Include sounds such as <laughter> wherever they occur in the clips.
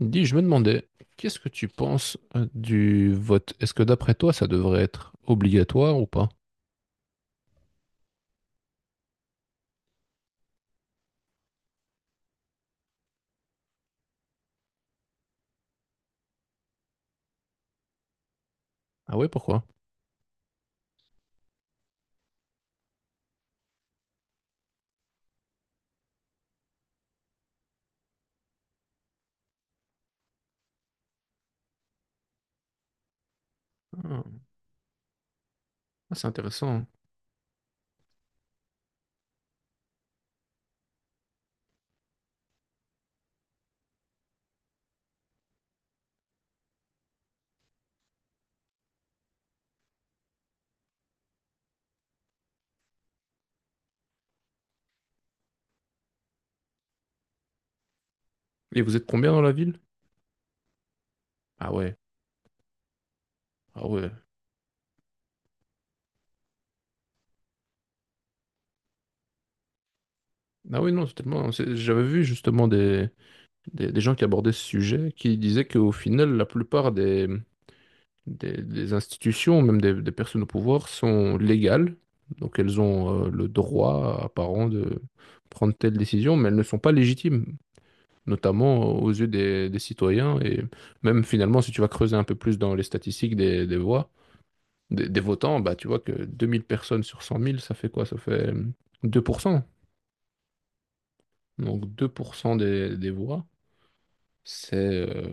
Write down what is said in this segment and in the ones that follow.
Dis, je me demandais, qu'est-ce que tu penses du vote? Est-ce que d'après toi, ça devrait être obligatoire ou pas? Ah ouais, pourquoi? Ah, ah, c'est intéressant. Et vous êtes combien dans la ville? Ah ouais, ah ouais. Ah ouais, non, totalement. J'avais vu justement des gens qui abordaient ce sujet, qui disaient qu'au final, la plupart des institutions, même des personnes au pouvoir, sont légales. Donc elles ont le droit apparent de prendre telle décision, mais elles ne sont pas légitimes, notamment aux yeux des citoyens. Et même finalement, si tu vas creuser un peu plus dans les statistiques des voix, des votants, bah, tu vois que 2 000 personnes sur 100 000, ça fait quoi? Ça fait deux pour cent. Donc 2% des voix, c'est...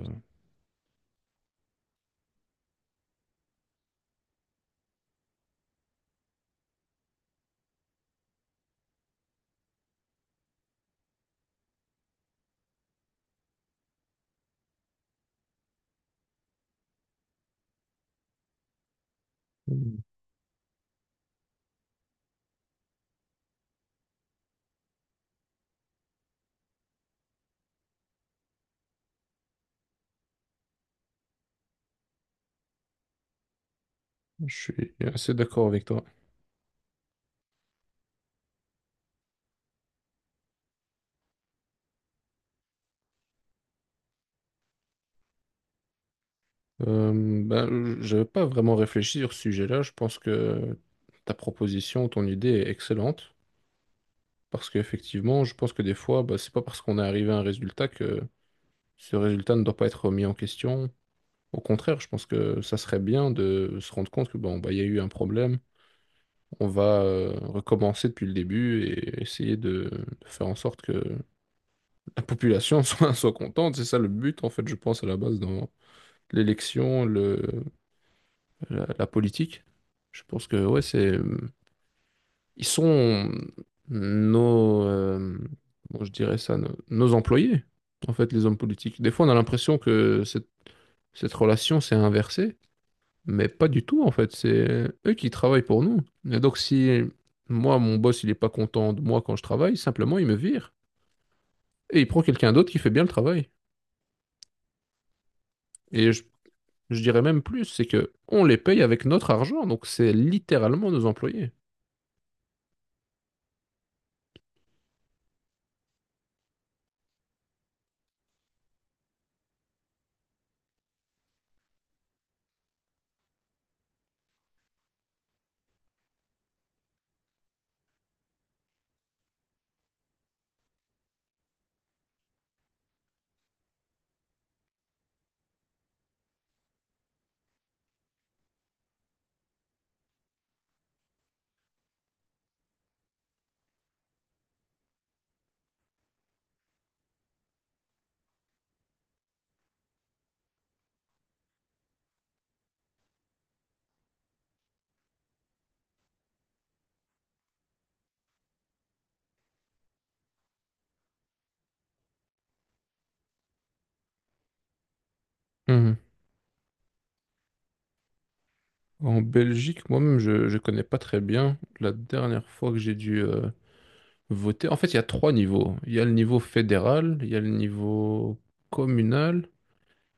je suis assez d'accord avec toi. Euh, ben, je n'avais pas vraiment réfléchi sur ce sujet-là. Je pense que ta proposition, ton idée est excellente. Parce qu'effectivement, je pense que des fois, bah, c'est pas parce qu'on est arrivé à un résultat que ce résultat ne doit pas être remis en question. Au contraire, je pense que ça serait bien de se rendre compte que bon, bah, il y a eu un problème. On va recommencer depuis le début et essayer de faire en sorte que la population <laughs> soit contente. C'est ça le but, en fait, je pense, à la base, dans l'élection, le, la politique. Je pense que, ouais, c'est. Ils sont nos, comment je dirais ça, nos employés, en fait, les hommes politiques. Des fois, on a l'impression que cette relation s'est inversée. Mais pas du tout, en fait. C'est eux qui travaillent pour nous. Et donc, si moi, mon boss, il est pas content de moi quand je travaille, simplement, il me vire. Et il prend quelqu'un d'autre qui fait bien le travail. Et je dirais même plus, c'est que on les paye avec notre argent. Donc, c'est littéralement nos employés. Mhm. En Belgique, moi-même, je ne connais pas très bien. La dernière fois que j'ai dû voter, en fait, il y a trois niveaux. Il y a le niveau fédéral, il y a le niveau communal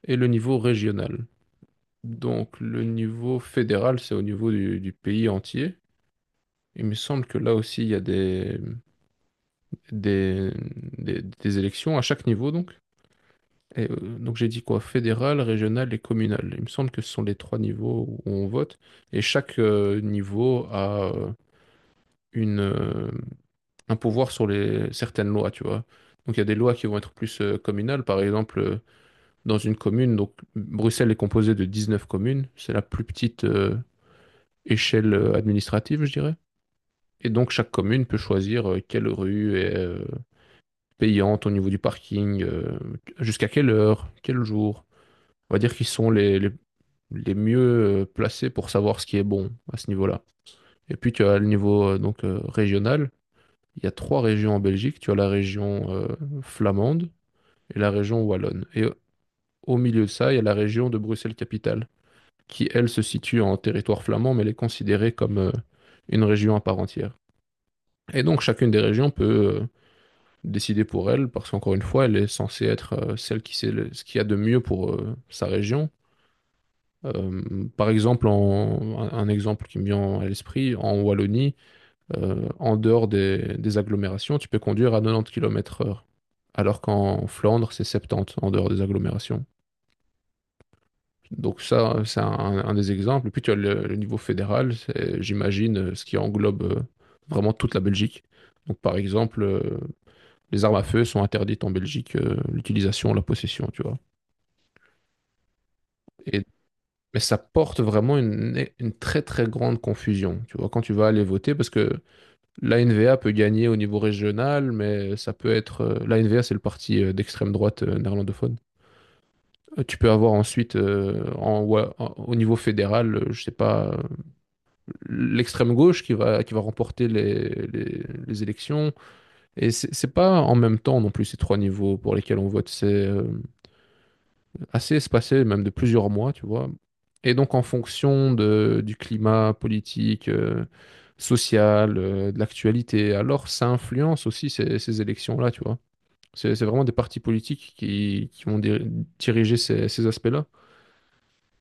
et le niveau régional. Donc le niveau fédéral, c'est au niveau du pays entier. Il me semble que là aussi, il y a des, des élections à chaque niveau, donc. Et, donc j'ai dit quoi? Fédéral, régional et communal. Il me semble que ce sont les trois niveaux où on vote. Et chaque niveau a une, un pouvoir sur les, certaines lois, tu vois. Donc il y a des lois qui vont être plus communales. Par exemple, dans une commune, donc Bruxelles est composée de 19 communes. C'est la plus petite échelle administrative, je dirais. Et donc chaque commune peut choisir quelle rue est payante au niveau du parking, jusqu'à quelle heure, quel jour. On va dire qu'ils sont les, les mieux placés pour savoir ce qui est bon à ce niveau-là. Et puis tu as le niveau donc régional. Il y a trois régions en Belgique. Tu as la région flamande et la région wallonne. Et au milieu de ça, il y a la région de Bruxelles-Capitale, qui elle se situe en territoire flamand, mais elle est considérée comme une région à part entière. Et donc chacune des régions peut décider pour elle, parce qu'encore une fois, elle est censée être celle qui sait ce qu'il y a de mieux pour sa région. Euh, par exemple, un exemple qui me vient à l'esprit, en Wallonie, en dehors des agglomérations, tu peux conduire à 90 km/h heure, alors qu'en Flandre, c'est 70 en dehors des agglomérations. Donc ça, c'est un des exemples. Et puis tu as le niveau fédéral, c'est, j'imagine, ce qui englobe vraiment toute la Belgique. Donc par exemple, les armes à feu sont interdites en Belgique, l'utilisation, la possession, tu vois. Et, mais ça porte vraiment une très très grande confusion, tu vois, quand tu vas aller voter, parce que l'ANVA peut gagner au niveau régional, mais ça peut être... l'ANVA, c'est le parti d'extrême droite néerlandophone. Tu peux avoir ensuite, ouais, au niveau fédéral, je sais pas, l'extrême gauche qui va remporter les, les élections. Et c'est pas en même temps non plus ces trois niveaux pour lesquels on vote. C'est, assez espacé, même de plusieurs mois, tu vois. Et donc, en fonction de, du climat politique, social, de l'actualité, alors ça influence aussi ces, ces élections-là, tu vois. C'est vraiment des partis politiques qui vont diriger ces, ces aspects-là.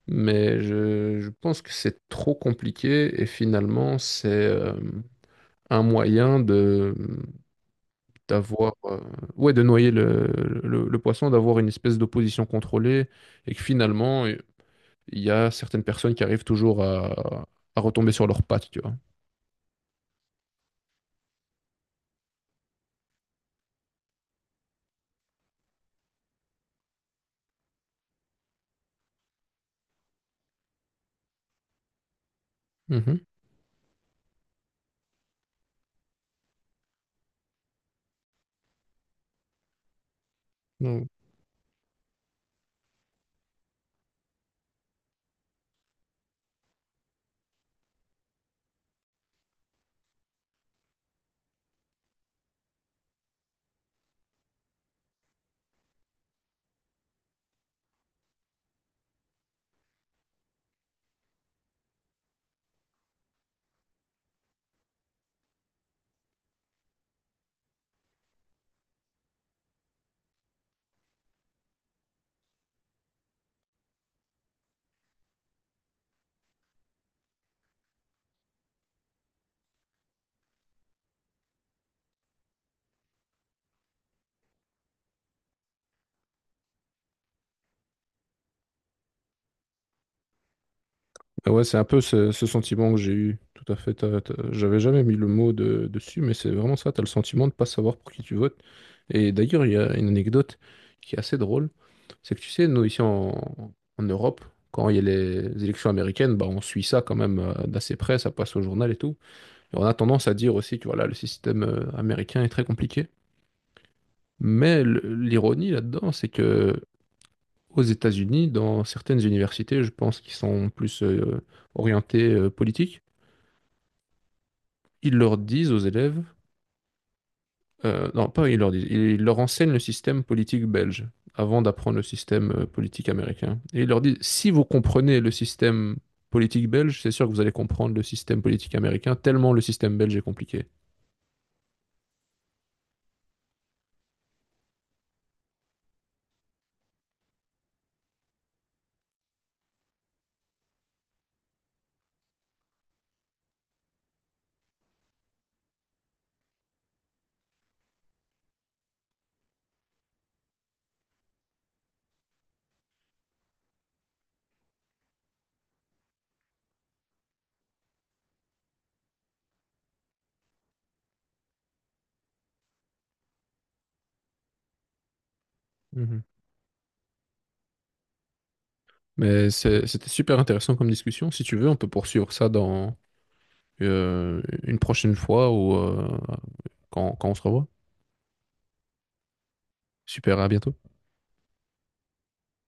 Mais je pense que c'est trop compliqué et finalement, c'est un moyen de d'avoir ouais de noyer le poisson, d'avoir une espèce d'opposition contrôlée et que finalement il y a certaines personnes qui arrivent toujours à retomber sur leurs pattes, tu vois. Mhm. Non. Mais ouais, c'est un peu ce, ce sentiment que j'ai eu. Tout à fait. J'avais jamais mis le mot dessus, mais c'est vraiment ça. Tu as le sentiment de pas savoir pour qui tu votes. Et d'ailleurs, il y a une anecdote qui est assez drôle. C'est que tu sais, nous, ici en Europe, quand il y a les élections américaines, bah, on suit ça quand même d'assez près. Ça passe au journal et tout. Et on a tendance à dire aussi que voilà, le système américain est très compliqué. Mais l'ironie là-dedans, c'est que aux États-Unis, dans certaines universités, je pense qu'ils sont plus orientées politiques, ils leur disent aux élèves, non, pas ils leur disent, ils leur enseignent le système politique belge avant d'apprendre le système politique américain. Et ils leur disent, si vous comprenez le système politique belge, c'est sûr que vous allez comprendre le système politique américain, tellement le système belge est compliqué. Mhm. Mais c'était super intéressant comme discussion. Si tu veux, on peut poursuivre ça dans une prochaine fois ou quand quand on se revoit. Super, à bientôt.